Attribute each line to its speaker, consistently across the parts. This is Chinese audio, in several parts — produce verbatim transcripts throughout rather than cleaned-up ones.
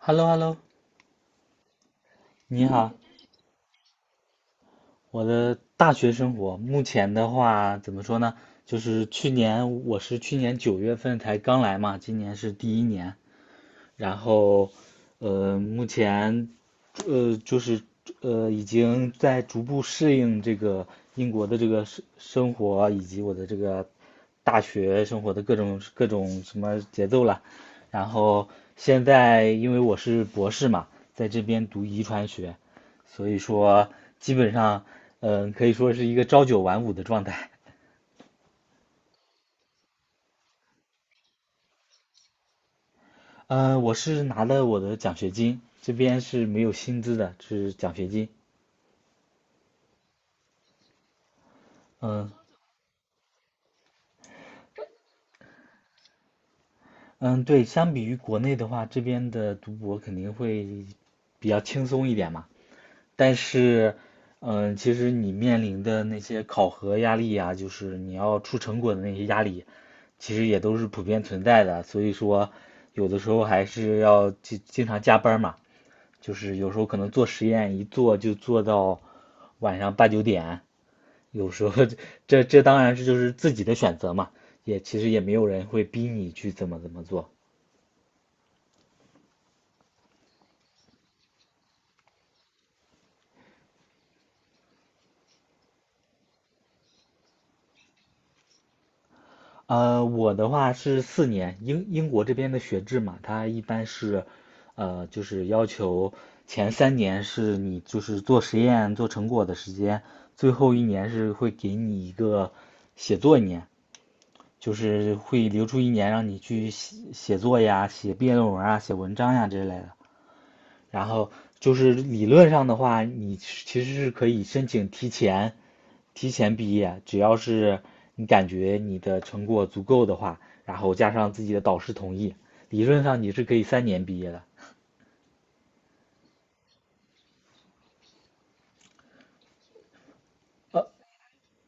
Speaker 1: h e l l o h e l l o 你好。我的大学生活，目前的话怎么说呢？就是去年我是去年九月份才刚来嘛，今年是第一年。然后，呃，目前，呃，就是呃，已经在逐步适应这个英国的这个生生活，以及我的这个大学生活的各种各种什么节奏了。然后现在因为我是博士嘛，在这边读遗传学，所以说基本上，嗯、呃可以说是一个朝九晚五的状态。嗯，我是拿了我的奖学金，这边是没有薪资的，是奖学金。嗯，嗯，对，相比于国内的话，这边的读博肯定会比较轻松一点嘛。但是，嗯，其实你面临的那些考核压力呀，就是你要出成果的那些压力，其实也都是普遍存在的。所以说，有的时候还是要经经常加班嘛，就是有时候可能做实验一做就做到晚上八九点，有时候 这这当然是就是自己的选择嘛，也其实也没有人会逼你去怎么怎么做。呃，我的话是四年，英英国这边的学制嘛，它一般是，呃，就是要求前三年是你就是做实验做成果的时间，最后一年是会给你一个写作一年，就是会留出一年让你去写写作呀、写毕业论文啊、写文章呀这类的。然后就是理论上的话，你其实是可以申请提前提前毕业，只要是你感觉你的成果足够的话，然后加上自己的导师同意，理论上你是可以三年毕业的。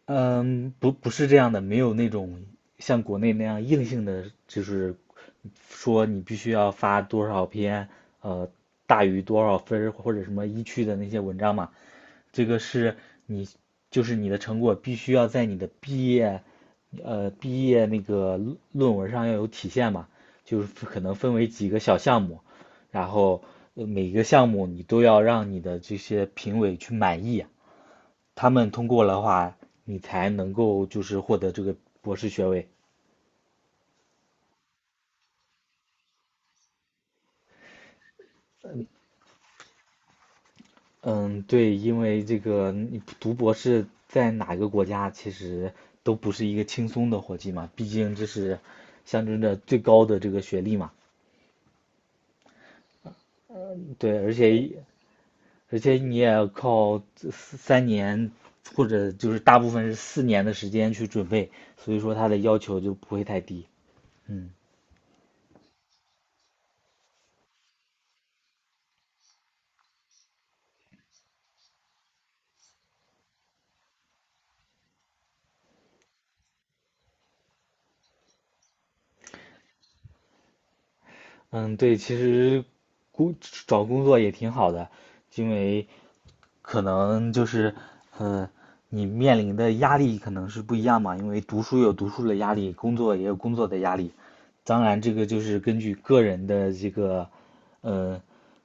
Speaker 1: 嗯，不不是这样的，没有那种像国内那样硬性的，就是说你必须要发多少篇，呃，大于多少分儿或者什么一区的那些文章嘛。这个是你就是你的成果必须要在你的毕业呃毕业那个论文上要有体现嘛，就是可能分为几个小项目，然后呃每个项目你都要让你的这些评委去满意，他们通过的话，你才能够就是获得这个博士学位。嗯，对，因为这个你读博士在哪个国家，其实都不是一个轻松的活计嘛，毕竟这是象征着最高的这个学历嘛。对，而且而且你也要靠这三年或者就是大部分是四年的时间去准备，所以说他的要求就不会太低。嗯，嗯，对，其实工找工作也挺好的，因为可能就是，嗯，你面临的压力可能是不一样嘛，因为读书有读书的压力，工作也有工作的压力。当然，这个就是根据个人的这个，嗯，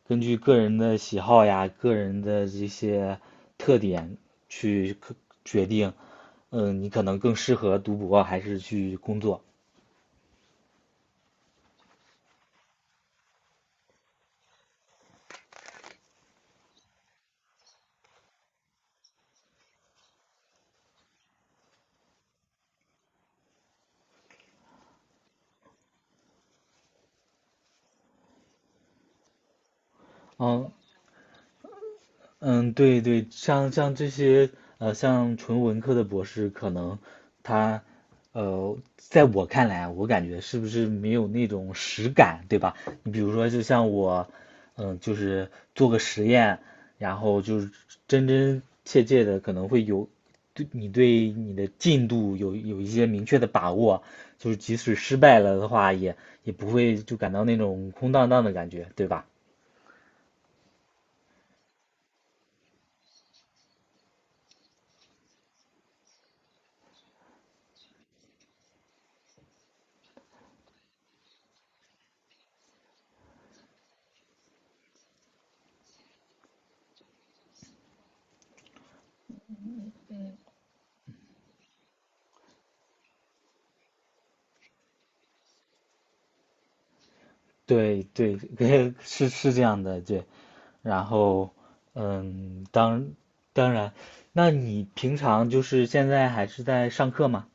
Speaker 1: 根据个人的喜好呀，个人的这些特点去决定，嗯、你可能更适合读博还是去工作。嗯，嗯，对对，像像这些呃，像纯文科的博士，可能他呃，在我看来啊，我感觉是不是没有那种实感，对吧？你比如说，就像我，嗯，就是做个实验，然后就是真真切切的，可能会有对你对你的进度有有一些明确的把握，就是即使失败了的话，也也不会就感到那种空荡荡的感觉，对吧？对对，是是这样的，对。然后，嗯，当当然，那你平常就是现在还是在上课吗？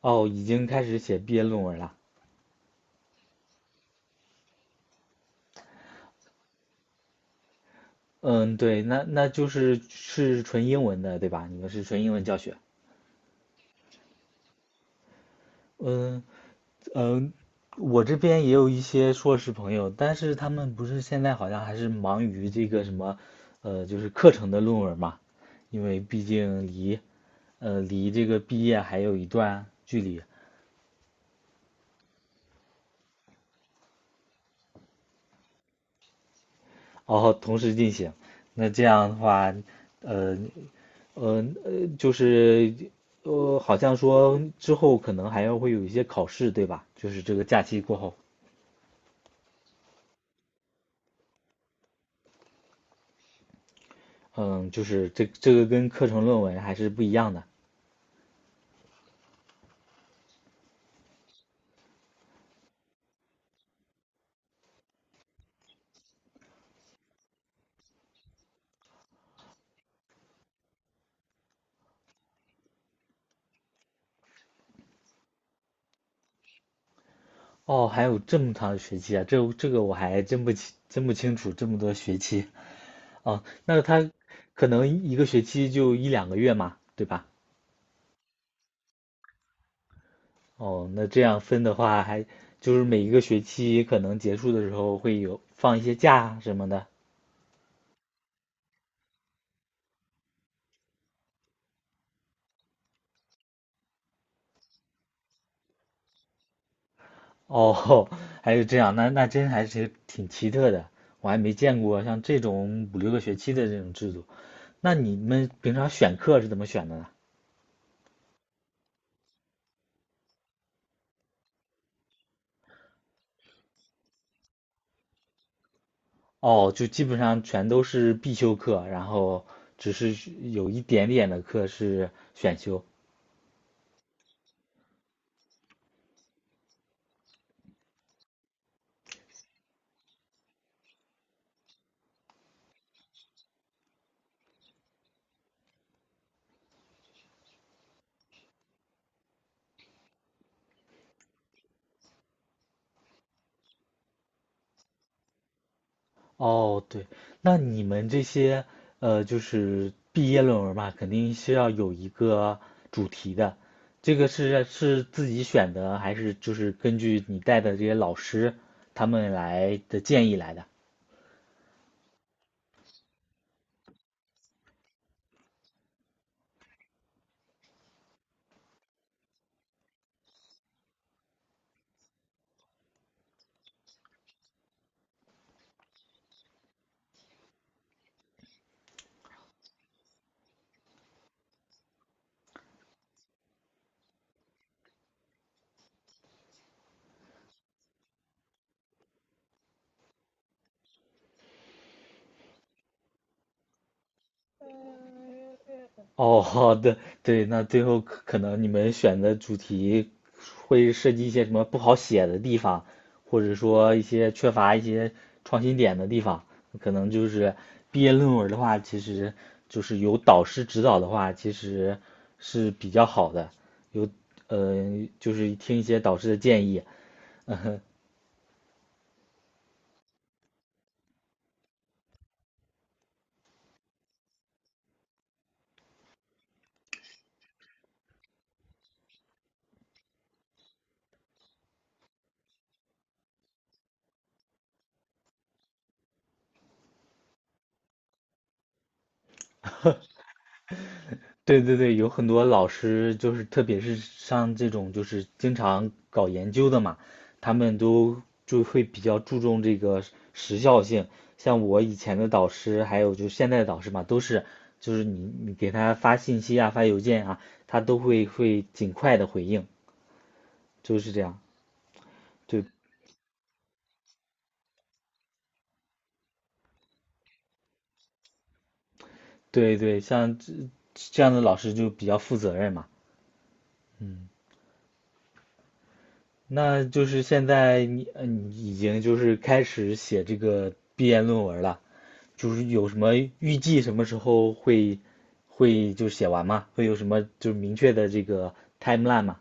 Speaker 1: 哦，已经开始写毕业论文了。嗯，对，那那就是是纯英文的，对吧？你们是纯英文教学。嗯嗯，我这边也有一些硕士朋友，但是他们不是现在好像还是忙于这个什么，呃，就是课程的论文嘛，因为毕竟离呃离这个毕业还有一段距离。然后同时进行。那这样的话，呃，呃，呃，就是，呃，好像说之后可能还要会有一些考试，对吧？就是这个假期过后，嗯，就是这这个跟课程论文还是不一样的。哦，还有这么长的学期啊，这这个我还真不清真不清楚这么多学期啊。那他可能一个学期就一两个月嘛，对吧？哦，那这样分的话，还就是每一个学期可能结束的时候会有放一些假什么的。哦，还是这样，那那真还是挺奇特的，我还没见过像这种五六个学期的这种制度。那你们平常选课是怎么选的呢？哦，就基本上全都是必修课，然后只是有一点点的课是选修。哦，对，那你们这些呃，就是毕业论文嘛，肯定是要有一个主题的。这个是是自己选的，还是就是根据你带的这些老师他们来的建议来的？哦，好的，对，那最后可可能你们选的主题会涉及一些什么不好写的地方，或者说一些缺乏一些创新点的地方，可能就是毕业论文的话，其实就是有导师指导的话，其实是比较好的，有呃，就是听一些导师的建议，对对对，有很多老师就是，特别是像这种就是经常搞研究的嘛，他们都就会比较注重这个时时效性。像我以前的导师，还有就是现在的导师嘛，都是就是你你给他发信息啊，发邮件啊，他都会会尽快的回应，就是这样。对对对，像这这样的老师就比较负责任嘛。嗯，那就是现在你呃你已经就是开始写这个毕业论文了。就是有什么预计什么时候会会就写完吗？会有什么就是明确的这个 timeline 吗？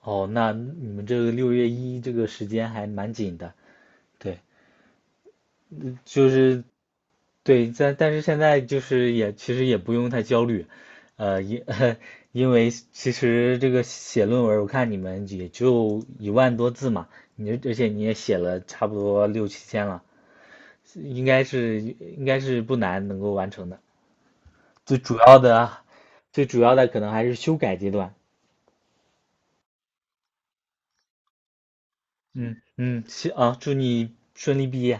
Speaker 1: 哦，那你们这个六月一这个时间还蛮紧的，对，就是对，但但是现在就是也其实也不用太焦虑，呃，因 因为其实这个写论文，我看你们也就一万多字嘛，你而且你也写了差不多六七千了，应该是应该是不难能够完成的。最主要的啊，最主要的可能还是修改阶段。嗯嗯，行啊，祝你顺利毕业。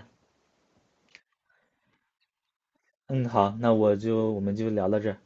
Speaker 1: 嗯，好，那我就我们就聊到这儿。